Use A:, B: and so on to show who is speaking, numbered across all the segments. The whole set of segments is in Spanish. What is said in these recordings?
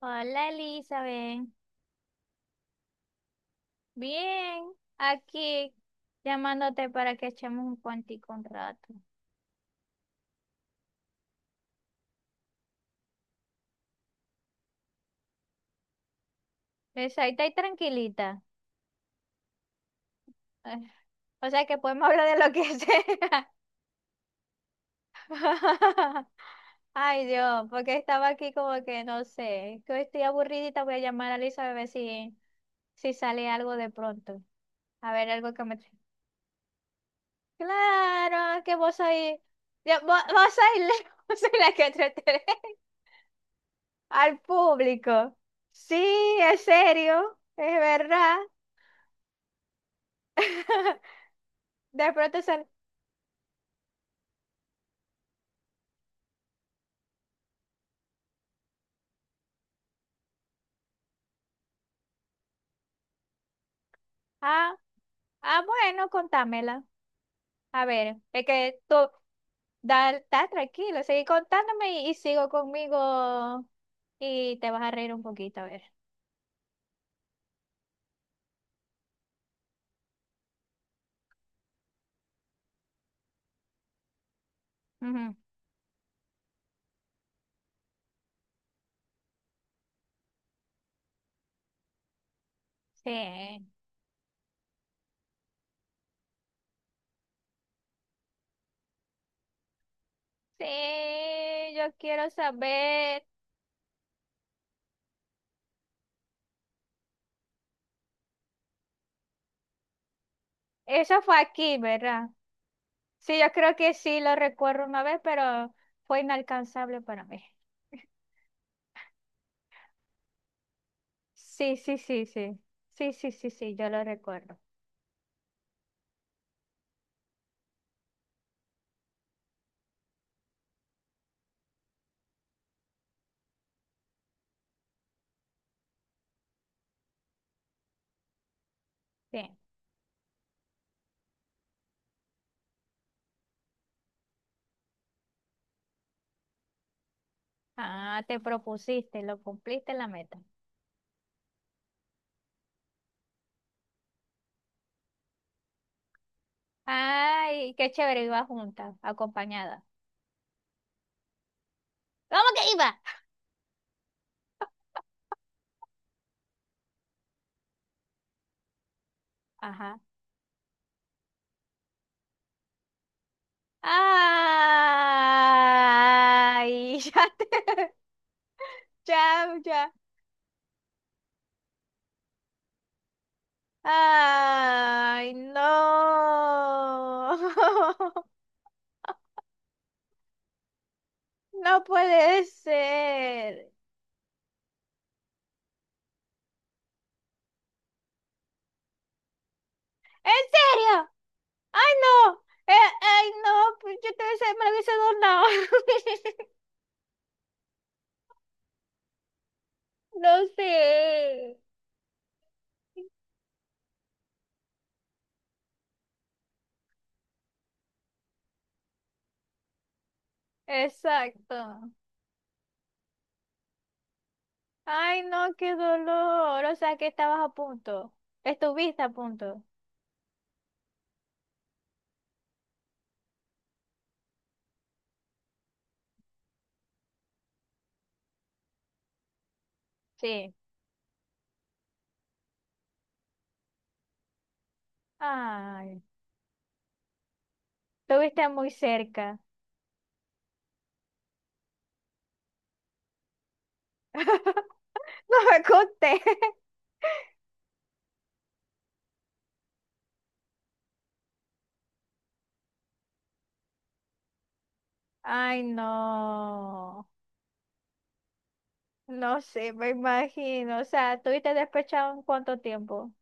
A: Hola Elizabeth, bien, aquí llamándote para que echemos un cuantico un rato. Esa, ahí está tranquilita. Ay, o sea que podemos hablar de lo que sea. Ay Dios, porque estaba aquí como que no sé, que estoy aburridita, voy a llamar a Elizabeth a ver si, si sale algo de pronto. A ver, algo que me... Claro, que vos sois... Ya, vos, vos sois la vos sois la que entretenés. Al público. Sí, es serio, es verdad. De pronto sale, ah, ah, bueno, contámela. A ver, es que tú, da, está tranquilo, seguí contándome y sigo conmigo y te vas a reír un poquito, a ver. Ujú. Sí, sí, yo quiero saber. ¿Eso fue aquí, verdad? Sí, yo creo que sí lo recuerdo una vez, pero fue inalcanzable para mí. Sí, sí, sí, sí. Sí, sí, sí, sí, yo lo recuerdo. Bien. Ah, te propusiste, lo cumpliste la meta. Ay, qué chévere, iba junta, acompañada. ¿Cómo que iba? Ajá. Ay, ya te... Ya, ya. Ay, no. No puede ser. ¿En serio? ¡Ay, no! ¡Ay, no! Pues yo te hubiese, me lo hubiese donado. No sé. Exacto. ¡Ay, no! ¡Qué dolor! O sea, que estabas a punto. Estuviste a punto. Sí. ¡Ay! Estuviste muy cerca. No me conté. ¡Ay, no! No sé, me imagino. O sea, ¿tuviste despechado en cuánto tiempo?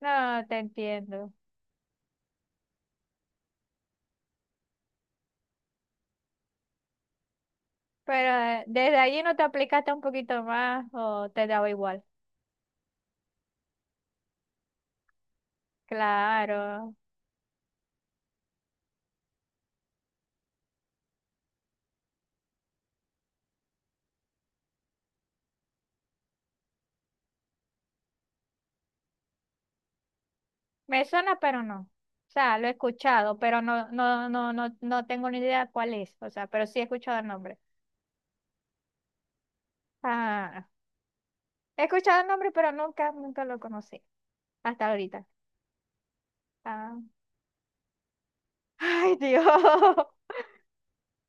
A: No, te entiendo. Pero desde allí no te aplicaste un poquito más o te daba igual. Claro. Me suena, pero no. O sea, lo he escuchado, pero no, no, no, no, no tengo ni idea cuál es. O sea, pero sí he escuchado el nombre. Ah, he escuchado el nombre, pero nunca, nunca lo conocí. Hasta ahorita. Ah. Ay, Dios.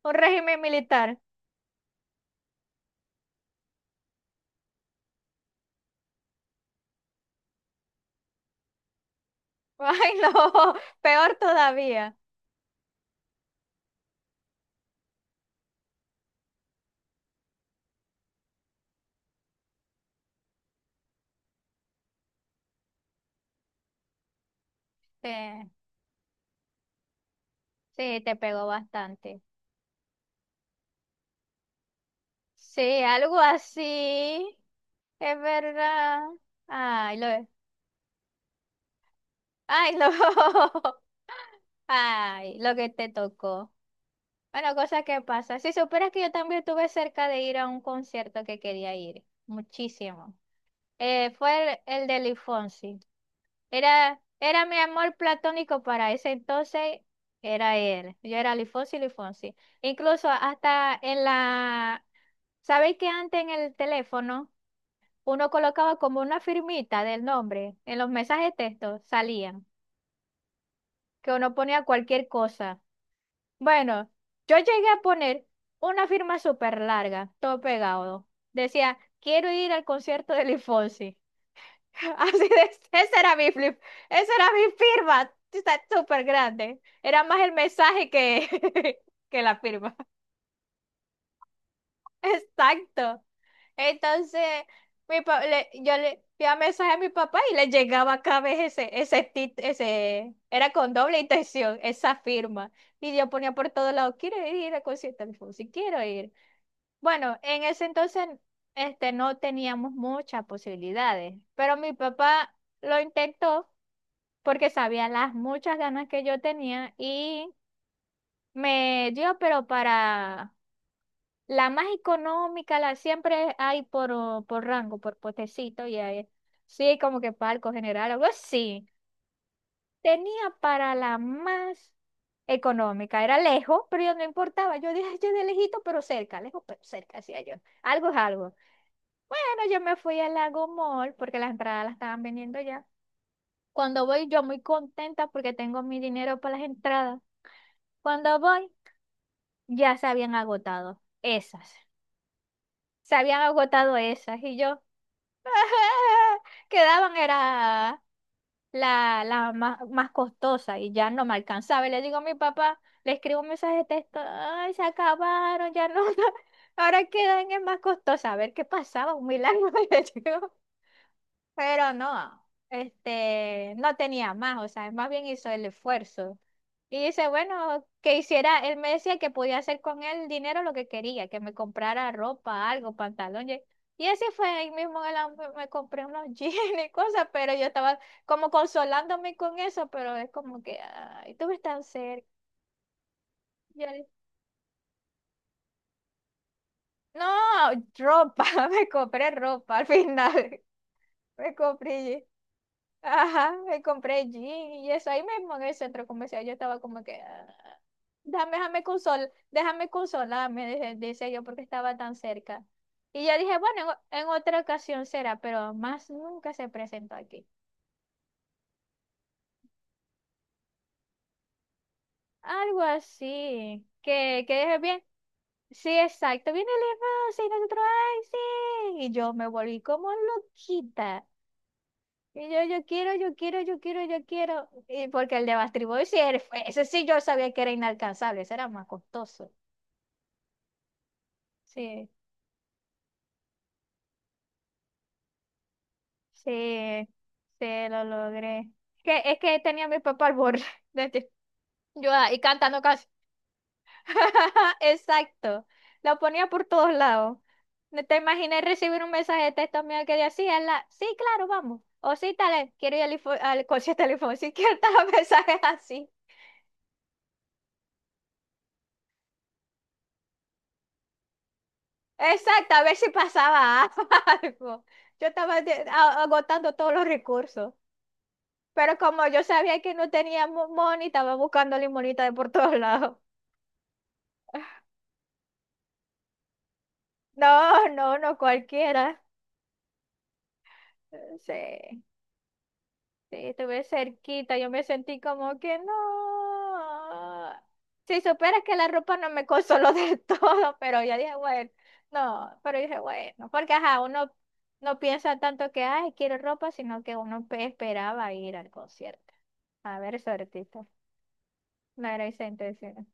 A: Un régimen militar. Ay, no. Peor todavía. Eh, sí, te pegó bastante. Sí, algo así. Es verdad. Ay, lo, ay, lo, ay, lo que te tocó. Bueno, cosas que pasan. Si supieras que yo también estuve cerca de ir a un concierto que quería ir, muchísimo. Fue el de Luis Fonsi. Era, era mi amor platónico para ese entonces, era él. Yo era Luis Fonsi, Luis Fonsi. Incluso hasta en la, ¿sabéis que antes en el teléfono? Uno colocaba como una firmita del nombre en los mensajes de texto, salían, que uno ponía cualquier cosa. Bueno, yo llegué a poner una firma súper larga, todo pegado. Decía, quiero ir al concierto de Luis Fonsi. Así de, esa era mi flip, esa era mi firma, está súper grande. Era más el mensaje que, que la firma. Exacto. Entonces, yo le enviaba mensaje a mi papá y le llegaba cada vez ese, era con doble intención, esa firma. Y yo ponía por todos lados, quiero ir a concierto de Fonsi, quiero ir. Bueno, en ese entonces no teníamos muchas posibilidades, pero mi papá lo intentó porque sabía las muchas ganas que yo tenía y me dio, pero para la más económica, la siempre hay por, oh, por rango, por potecito, y ahí, sí, como que palco general, algo así. Tenía para la más económica, era lejos, pero yo no importaba. Yo dije, yo de lejito, pero cerca, lejos, pero cerca, hacía yo. Algo es algo. Bueno, yo me fui al Lago Mall porque las entradas las estaban vendiendo ya. Cuando voy, yo muy contenta porque tengo mi dinero para las entradas. Cuando voy, ya se habían agotado esas. Se habían agotado esas. Y yo. Quedaban era la más, más costosa y ya no me alcanzaba. Y le digo a mi papá, le escribo un mensaje de texto, ay, se acabaron, ya no, ahora quedan en más costosa. A ver qué pasaba, un milagro. Le digo. Pero no, no tenía más, o sea, más bien hizo el esfuerzo. Y dice, bueno, que hiciera, él me decía que podía hacer con el dinero lo que quería, que me comprara ropa, algo, pantalón. Y así fue, ahí mismo me compré unos jeans y cosas, pero yo estaba como consolándome con eso, pero es como que, ay, tú ves tan cerca. Yo le- no, ropa, me compré ropa al final, me compré jeans. Ajá, me compré jean y eso ahí mismo en el centro comercial. Yo estaba como que, "Ah, déjame, déjame consolarme, decía yo, porque estaba tan cerca. Y yo dije, bueno, en otra ocasión será, pero más nunca se presentó aquí. Algo así, que dije bien. Sí, exacto, viene el hermano, y nosotros, ay, sí. Y yo me volví como loquita. Y yo quiero, yo quiero, yo quiero, yo quiero. Y porque el de Backstreet Boys, sí, ese sí yo sabía que era inalcanzable, ese era más costoso. Sí, sí, sí, lo logré. Que, es que tenía a mi papá al borde. Yo ahí cantando casi. Exacto. Lo ponía por todos lados. No te imaginé recibir un mensaje de texto mío que decía, la, sí, claro, vamos. O sí, tal, quiero ir al concierto del Infonso. Sí, que mensajes así. Exacto, a ver si pasaba algo. Yo estaba agotando todos los recursos, pero como yo sabía que no teníamos money, estaba buscando limonita de por todos lados. No, no, no cualquiera. Sí. Sí, estuve cerquita, yo me sentí como que no. Si supieras que la ropa no me consoló del todo, pero yo dije, bueno, no, pero dije, bueno, porque ajá, uno no piensa tanto que, ay, quiero ropa, sino que esperaba ir al concierto. A ver, suertito, no era esa intención.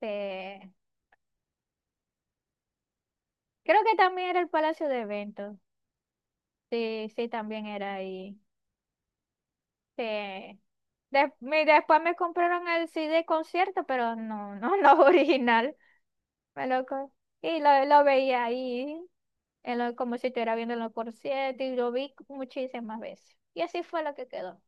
A: Sí. Creo que también era el Palacio de Eventos. Sí, sí, también era ahí. Sí. Después me compraron el CD concierto, pero no, no, no original. Me lo co- y lo veía ahí, como si estuviera viendo los conciertos, y lo vi muchísimas veces. Y así fue lo que quedó.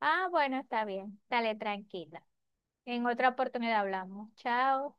A: Ah, bueno, está bien. Dale tranquila. En otra oportunidad hablamos. Chao.